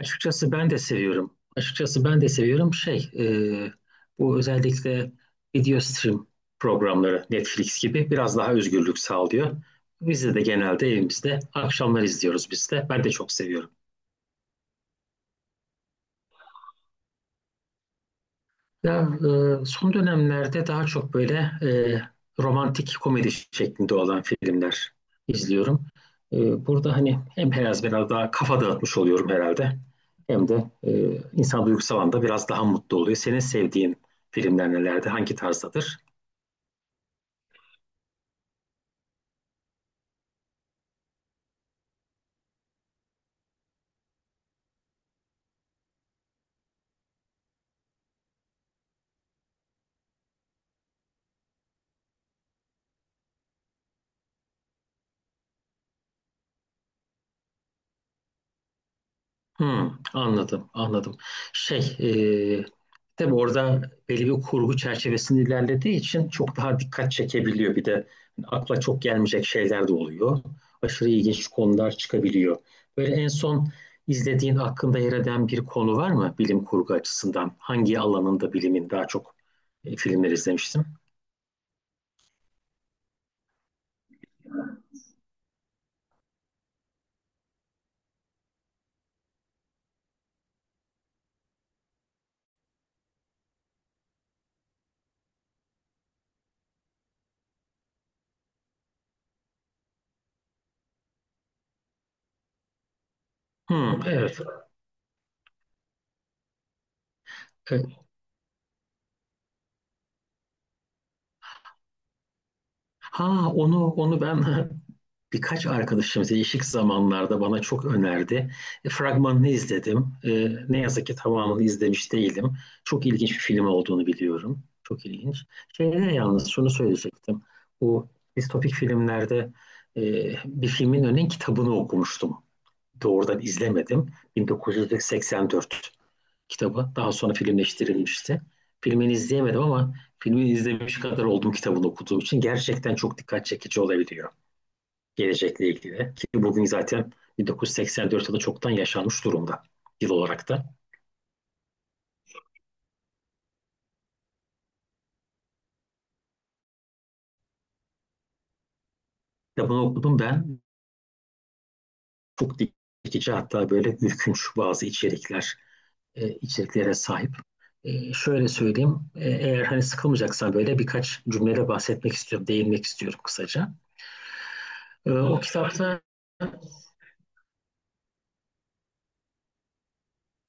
Açıkçası ben de seviyorum. Açıkçası ben de seviyorum, bu özellikle video stream programları Netflix gibi biraz daha özgürlük sağlıyor. Biz de genelde evimizde akşamlar izliyoruz biz de. Ben de çok seviyorum. Ya, son dönemlerde daha çok böyle e, romantik komedi şeklinde olan filmler izliyorum. Burada hani hem biraz daha kafa dağıtmış oluyorum herhalde. Hem de insan duygusal anda biraz daha mutlu oluyor. Senin sevdiğin filmler nelerdi? Hangi tarzdadır? Hmm, anladım, anladım. Şey, e, Tabii orada belli bir kurgu çerçevesinde ilerlediği için çok daha dikkat çekebiliyor. Bir de akla çok gelmeyecek şeyler de oluyor. Aşırı ilginç konular çıkabiliyor. Böyle en son izlediğin hakkında yer eden bir konu var mı bilim kurgu açısından? Hangi alanında bilimin daha çok filmler izlemiştim? Hmm, evet. E, Ha, onu ben birkaç arkadaşım değişik zamanlarda bana çok önerdi. Fragmanını izledim. Ne yazık ki tamamını izlemiş değilim. Çok ilginç bir film olduğunu biliyorum. Çok ilginç. Yalnız şunu söyleyecektim. Bu distopik filmlerde e, bir filmin önün kitabını okumuştum. Doğrudan izlemedim. 1984 kitabı. Daha sonra filmleştirilmişti. Filmini izleyemedim ama filmini izlemiş kadar olduğum kitabını okuduğum için gerçekten çok dikkat çekici olabiliyor gelecekle ilgili. Ki bugün zaten 1984 yılı çoktan yaşanmış durumda, yıl olarak da. Kitabını okudum ben. Çok dikici, hatta böyle ürkünç bazı içeriklere sahip. Şöyle söyleyeyim. Eğer hani sıkılmayacaksan böyle birkaç cümlede bahsetmek istiyorum, değinmek istiyorum kısaca. E, o kitapta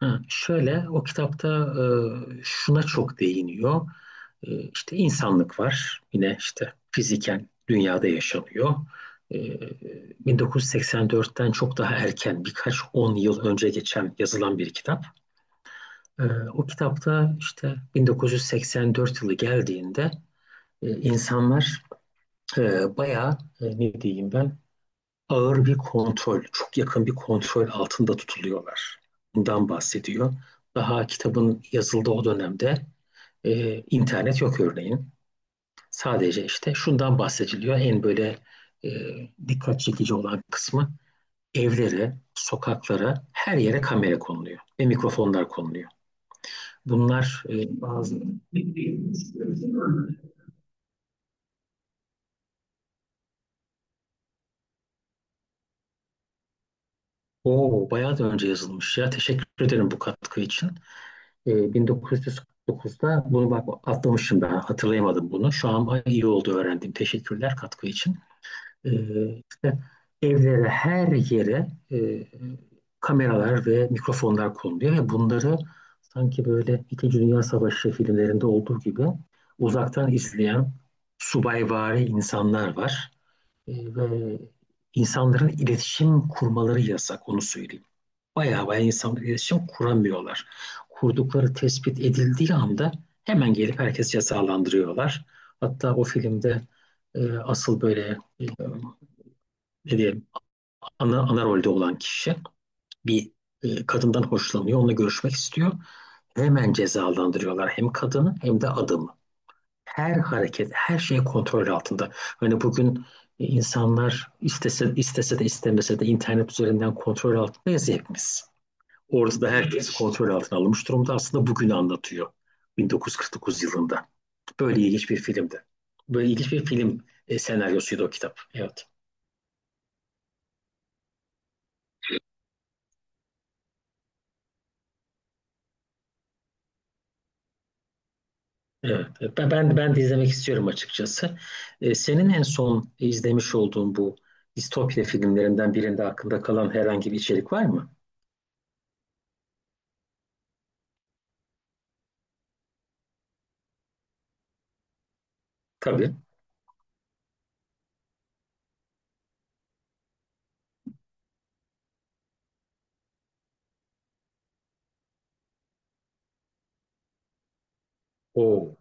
O kitapta şuna çok değiniyor. İşte insanlık var. Yine işte fiziken dünyada yaşanıyor. E, 1984'ten çok daha erken birkaç on yıl önce geçen yazılan bir kitap. E, O kitapta işte 1984 yılı geldiğinde insanlar bayağı ne diyeyim ben, ağır bir kontrol, çok yakın bir kontrol altında tutuluyorlar. Bundan bahsediyor. Daha kitabın yazıldığı o dönemde internet yok örneğin. Sadece işte şundan bahsediliyor. En böyle e, dikkat çekici olan kısmı, evlere, sokaklara, her yere kamera konuluyor ve mikrofonlar konuluyor. Bunlar bazı... Oo, bayağı da önce yazılmış ya. Teşekkür ederim bu katkı için. 1949'da, bunu bak atlamışım, ben hatırlayamadım bunu. Şu an iyi oldu, öğrendim. Teşekkürler katkı için. E, işte evlere, her yere kameralar ve mikrofonlar konuluyor ve bunları sanki böyle İkinci Dünya Savaşı filmlerinde olduğu gibi uzaktan izleyen subayvari insanlar var. Ve insanların iletişim kurmaları yasak, onu söyleyeyim. Bayağı bayağı insanla iletişim kuramıyorlar. Kurdukları tespit edildiği anda hemen gelip herkesi cezalandırıyorlar. Hatta o filmde asıl böyle ne diyeyim, ana rolde olan kişi bir kadından hoşlanıyor, onunla görüşmek istiyor. Hemen cezalandırıyorlar, hem kadını hem de adamı. Her hareket, her şey kontrol altında. Hani bugün insanlar istese, istese de istemese de internet üzerinden kontrol altındayız hepimiz. Orada da herkesi kontrol altına alınmış durumda. Aslında bugünü anlatıyor. 1949 yılında. Böyle ilginç bir filmdi. Böyle ilginç bir film senaryosuydu o kitap. Evet. Evet. Ben de izlemek istiyorum açıkçası. Senin en son izlemiş olduğun bu distopya filmlerinden birinde aklında kalan herhangi bir içerik var mı? Tabii. Oo.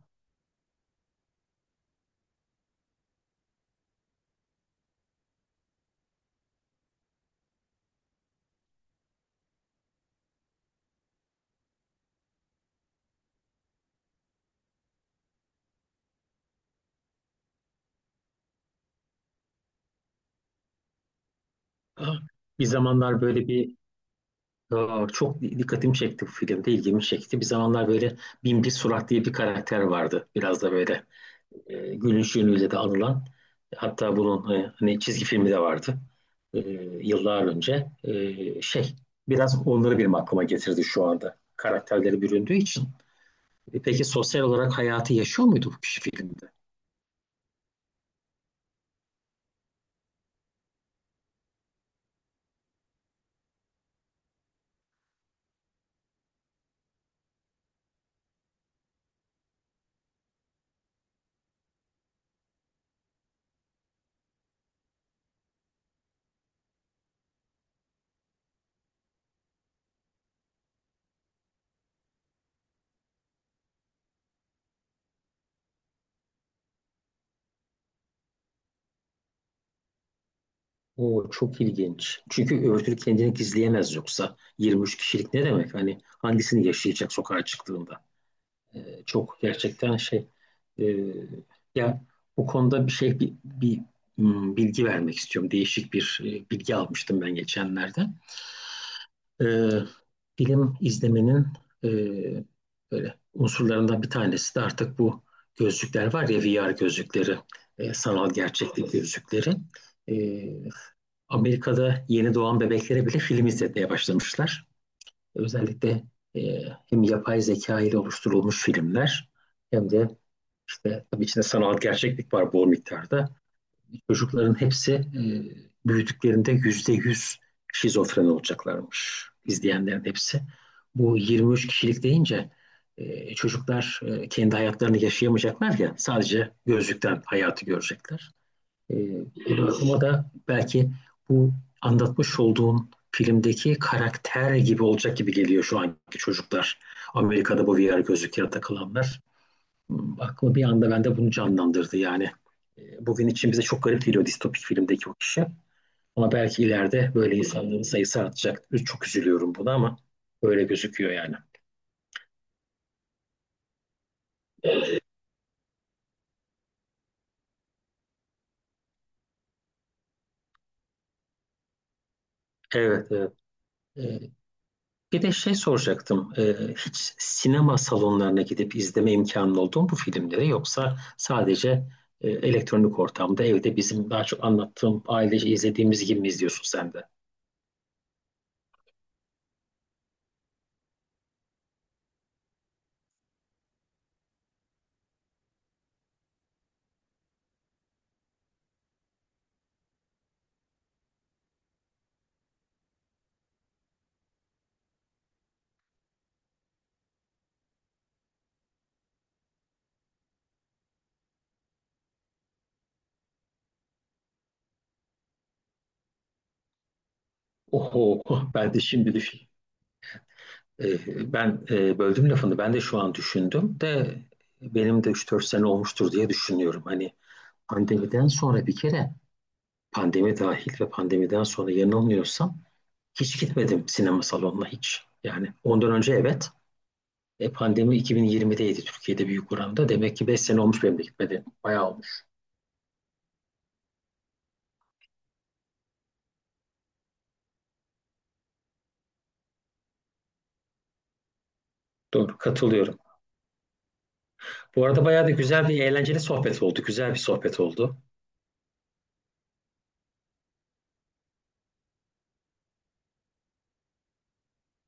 Aa, Bir zamanlar böyle bir aa, çok dikkatimi çekti bu filmde, ilgimi çekti. Bir zamanlar böyle Binbir Surat diye bir karakter vardı. Biraz da böyle gülüşüyle de anılan, hatta bunun hani çizgi filmi de vardı e, yıllar önce. Şey Biraz onları benim aklıma getirdi şu anda, karakterleri büründüğü için. Peki sosyal olarak hayatı yaşıyor muydu bu kişi filmde? O çok ilginç. Çünkü öbür türlü kendini gizleyemez, yoksa 23 kişilik ne demek? Hani hangisini yaşayacak sokağa çıktığında? Çok gerçekten e, ya, bu konuda bir şey bir, bir, hmm, bilgi vermek istiyorum. Değişik bir bilgi almıştım ben geçenlerde. E, Film izlemenin e, böyle unsurlarından bir tanesi de artık bu gözlükler var ya, VR gözlükleri, sanal gerçeklik gözlükleri. E, Amerika'da yeni doğan bebeklere bile film izletmeye başlamışlar. Özellikle e, hem yapay zeka ile oluşturulmuş filmler hem de işte tabii içinde sanal gerçeklik var bol miktarda. Çocukların hepsi büyüdüklerinde %100 şizofren olacaklarmış. İzleyenlerin hepsi. Bu 23 kişilik deyince çocuklar kendi hayatlarını yaşayamayacaklar ya, sadece gözlükten hayatı görecekler. E, Ama da belki bu anlatmış olduğun filmdeki karakter gibi olacak gibi geliyor şu anki çocuklar. Amerika'da bu VR gözlüklere takılanlar aklıma bir anda bende bunu canlandırdı yani. Bugün için bize çok garip geliyor distopik filmdeki o kişi. Ama belki ileride böyle insanların sayısı artacak. Çok üzülüyorum buna ama böyle gözüküyor yani. Evet, evet. E, Bir de şey soracaktım. Hiç sinema salonlarına gidip izleme imkanı oldu mu bu filmleri, yoksa sadece elektronik ortamda, evde bizim daha çok anlattığım ailece izlediğimiz gibi mi izliyorsun sen de? Oho, ben de şimdi düşün. Ben böldüm lafını. Ben de şu an düşündüm de benim de üç dört sene olmuştur diye düşünüyorum. Hani pandemiden sonra bir kere, pandemi dahil ve pandemiden sonra yanılmıyorsam hiç gitmedim sinema salonuna, hiç. Yani ondan önce evet. Pandemi 2020'deydi Türkiye'de büyük oranda. Demek ki 5 sene olmuş benim de gitmediğim. Bayağı olmuş. Doğru, katılıyorum. Bu arada bayağı da güzel, bir eğlenceli sohbet oldu. Güzel bir sohbet oldu.